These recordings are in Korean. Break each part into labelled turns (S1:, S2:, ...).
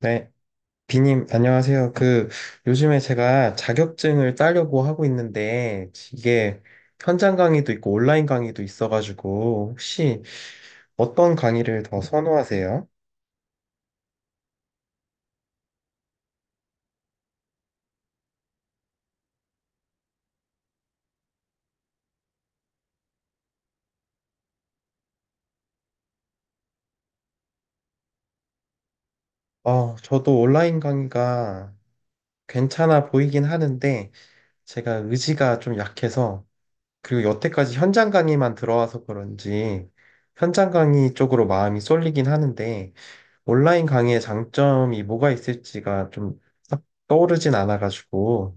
S1: 네, 비님, 안녕하세요. 요즘에 제가 자격증을 따려고 하고 있는데, 이게 현장 강의도 있고 온라인 강의도 있어가지고, 혹시 어떤 강의를 더 선호하세요? 저도 온라인 강의가 괜찮아 보이긴 하는데, 제가 의지가 좀 약해서, 그리고 여태까지 현장 강의만 들어와서 그런지, 현장 강의 쪽으로 마음이 쏠리긴 하는데, 온라인 강의의 장점이 뭐가 있을지가 좀 딱 떠오르진 않아가지고.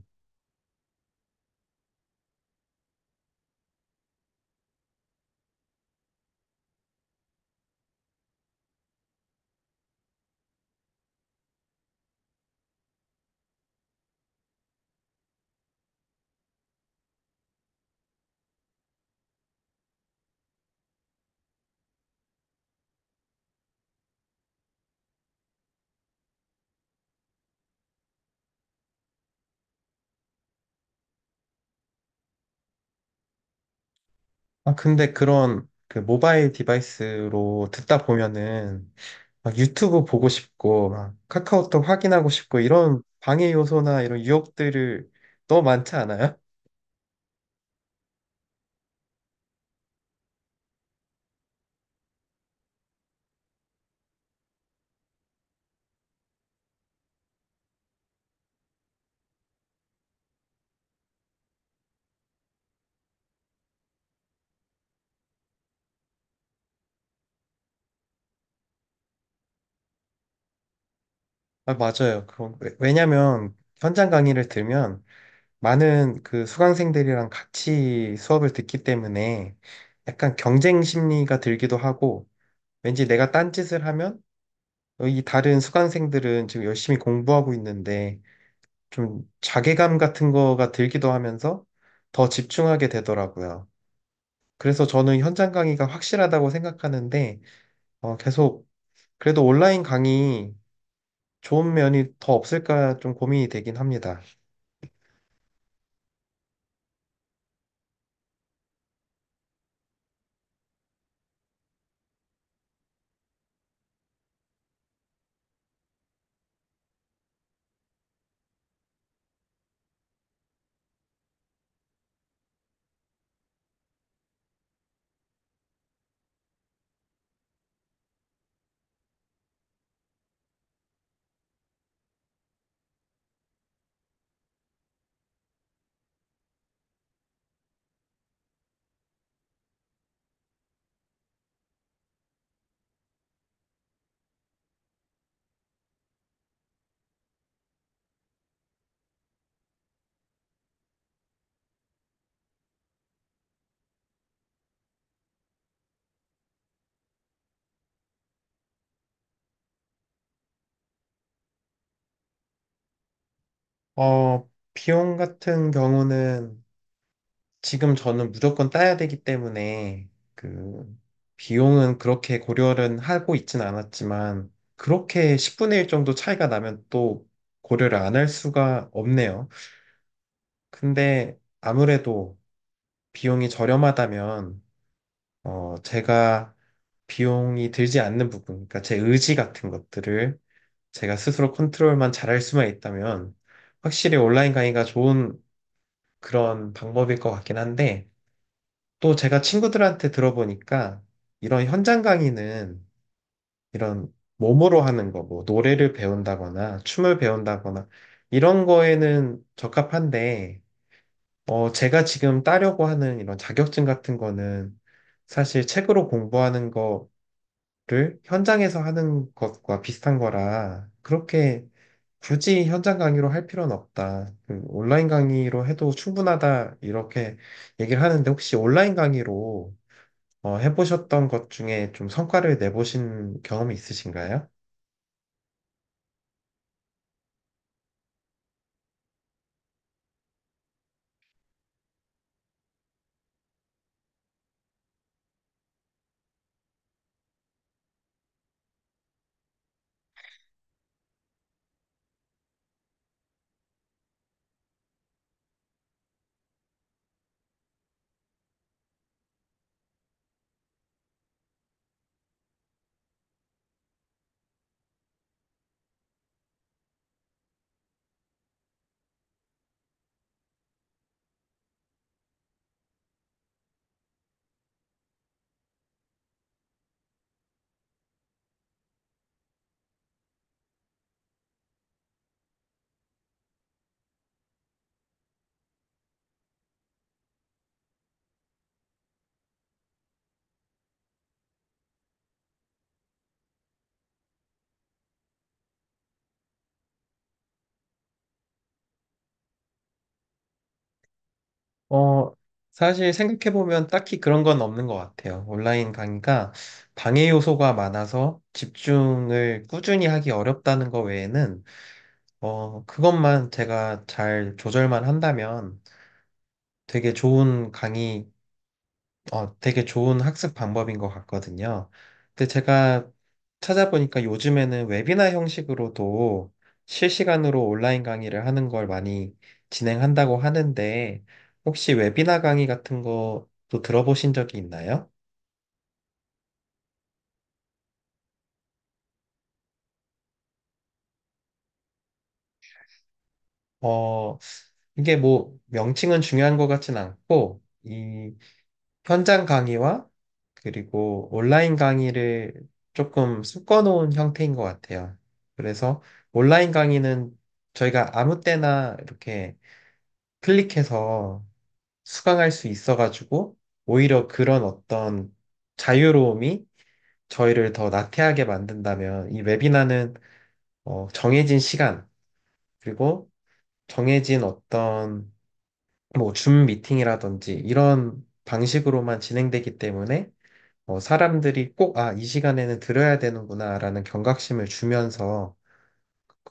S1: 아, 근데 그런 그 모바일 디바이스로 듣다 보면은 막 유튜브 보고 싶고, 막 카카오톡 확인하고 싶고, 이런 방해 요소나 이런 유혹들을 너무 많지 않아요? 아, 맞아요. 그런, 왜냐면 현장 강의를 들면 많은 그 수강생들이랑 같이 수업을 듣기 때문에 약간 경쟁 심리가 들기도 하고, 왠지 내가 딴짓을 하면 이 다른 수강생들은 지금 열심히 공부하고 있는데 좀 자괴감 같은 거가 들기도 하면서 더 집중하게 되더라고요. 그래서 저는 현장 강의가 확실하다고 생각하는데 계속 그래도 온라인 강의 좋은 면이 더 없을까 좀 고민이 되긴 합니다. 비용 같은 경우는 지금 저는 무조건 따야 되기 때문에 그 비용은 그렇게 고려를 하고 있진 않았지만 그렇게 10분의 1 정도 차이가 나면 또 고려를 안 할 수가 없네요. 근데 아무래도 비용이 저렴하다면 제가 비용이 들지 않는 부분, 그러니까 제 의지 같은 것들을 제가 스스로 컨트롤만 잘할 수만 있다면 확실히 온라인 강의가 좋은 그런 방법일 것 같긴 한데 또 제가 친구들한테 들어보니까 이런 현장 강의는 이런 몸으로 하는 거, 뭐 노래를 배운다거나 춤을 배운다거나 이런 거에는 적합한데, 제가 지금 따려고 하는 이런 자격증 같은 거는 사실 책으로 공부하는 거를 현장에서 하는 것과 비슷한 거라 그렇게 굳이 현장 강의로 할 필요는 없다. 그 온라인 강의로 해도 충분하다. 이렇게 얘기를 하는데 혹시 온라인 강의로 해보셨던 것 중에 좀 성과를 내보신 경험이 있으신가요? 어, 사실 생각해보면 딱히 그런 건 없는 것 같아요. 온라인 강의가 방해 요소가 많아서 집중을 꾸준히 하기 어렵다는 것 외에는, 그것만 제가 잘 조절만 한다면 되게 좋은 강의 되게 좋은 학습 방법인 것 같거든요. 근데 제가 찾아보니까 요즘에는 웨비나 형식으로도 실시간으로 온라인 강의를 하는 걸 많이 진행한다고 하는데, 혹시 웨비나 강의 같은 것도 들어보신 적이 있나요? 어, 이게 뭐 명칭은 중요한 것 같진 않고, 이 현장 강의와 그리고 온라인 강의를 조금 섞어놓은 형태인 것 같아요. 그래서 온라인 강의는 저희가 아무 때나 이렇게 클릭해서 수강할 수 있어가지고 오히려 그런 어떤 자유로움이 저희를 더 나태하게 만든다면 이 웨비나는 정해진 시간 그리고 정해진 어떤 뭐 줌 미팅이라든지 이런 방식으로만 진행되기 때문에 사람들이 꼭, 아, 이 시간에는 들어야 되는구나라는 경각심을 주면서,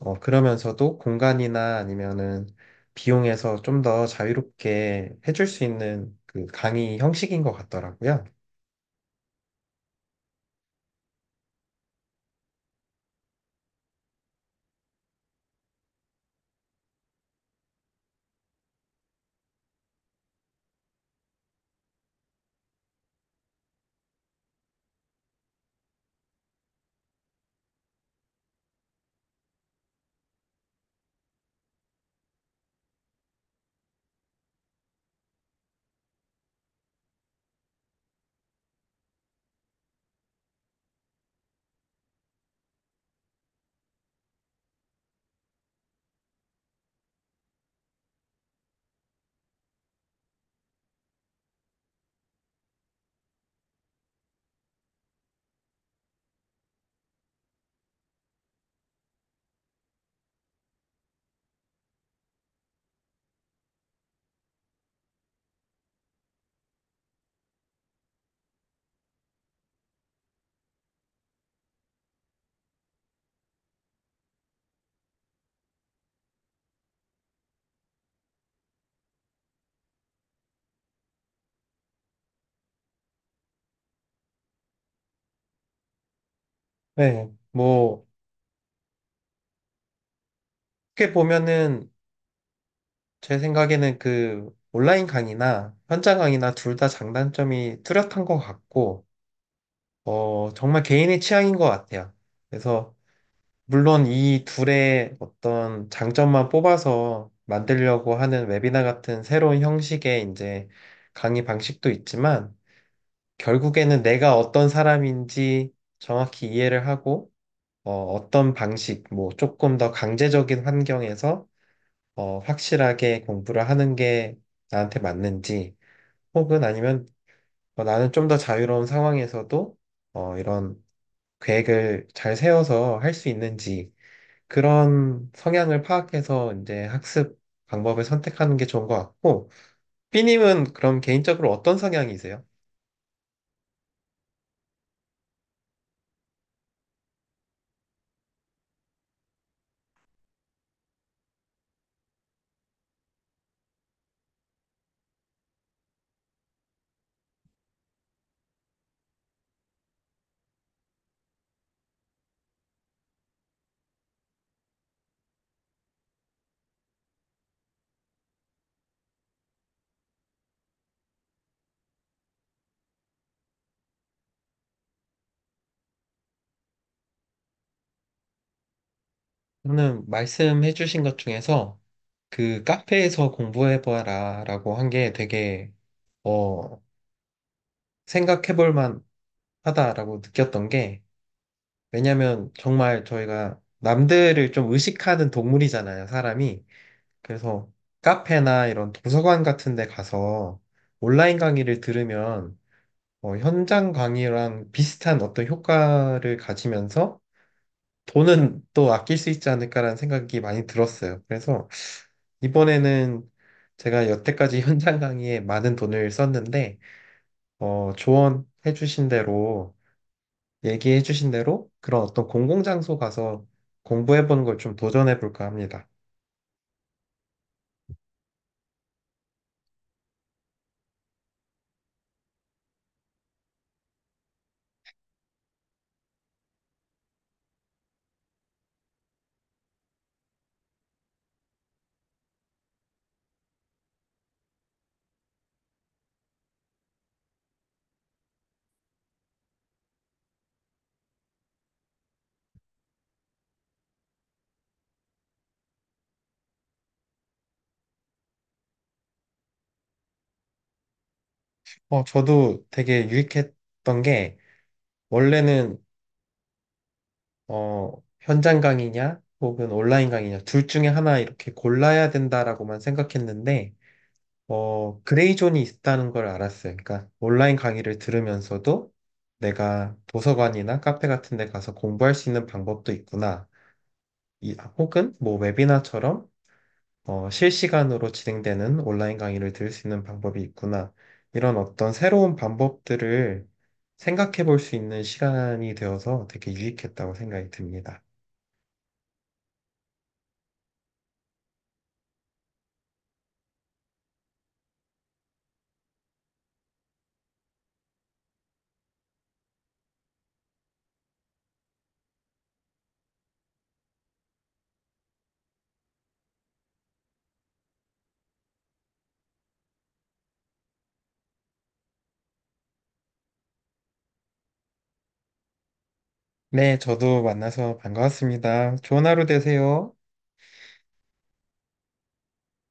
S1: 그러면서도 공간이나 아니면은 비용에서 좀 더 자유롭게 해줄 수 있는 그 강의 형식인 것 같더라고요. 네, 뭐, 어떻게 보면은 제 생각에는 그 온라인 강의나 현장 강의나 둘 다 장단점이 뚜렷한 것 같고, 정말 개인의 취향인 것 같아요. 그래서 물론 이 둘의 어떤 장점만 뽑아서 만들려고 하는 웨비나 같은 새로운 형식의 이제 강의 방식도 있지만 결국에는 내가 어떤 사람인지 정확히 이해를 하고 어, 떤 방식, 뭐 조금 더 강제적인 환경에서 확실하게 공부를 하는 게 나한테 맞는지 혹은 아니면 나는 좀 더 자유로운 상황에서도 이런 계획을 잘 세워서 할 수 있는지 그런 성향을 파악해서 이제 학습 방법을 선택하는 게 좋은 것 같고, 삐님은 그럼 개인적으로 어떤 성향이세요? 저는 말씀해 주신 것 중에서 그 카페에서 공부해봐라 라고 한 게 되게, 어, 생각해볼 만 하다라고 느꼈던 게, 왜냐면 정말 저희가 남들을 좀 의식하는 동물이잖아요, 사람이. 그래서 카페나 이런 도서관 같은 데 가서 온라인 강의를 들으면 현장 강의랑 비슷한 어떤 효과를 가지면서 돈은 또 아낄 수 있지 않을까라는 생각이 많이 들었어요. 그래서 이번에는 제가 여태까지 현장 강의에 많은 돈을 썼는데, 조언해 주신 대로, 얘기해 주신 대로 그런 어떤 공공장소 가서 공부해 보는 걸 좀 도전해 볼까 합니다. 저도 되게 유익했던 게, 원래는 어, 현장 강의냐, 혹은 온라인 강의냐, 둘 중에 하나 이렇게 골라야 된다라고만 생각했는데, 그레이 존이 있다는 걸 알았어요. 그러니까 온라인 강의를 들으면서도 내가 도서관이나 카페 같은 데 가서 공부할 수 있는 방법도 있구나. 이, 혹은 뭐 웨비나처럼 실시간으로 진행되는 온라인 강의를 들을 수 있는 방법이 있구나. 이런 어떤 새로운 방법들을 생각해 볼 수 있는 시간이 되어서 되게 유익했다고 생각이 듭니다. 네, 저도 만나서 반가웠습니다. 좋은 하루 되세요.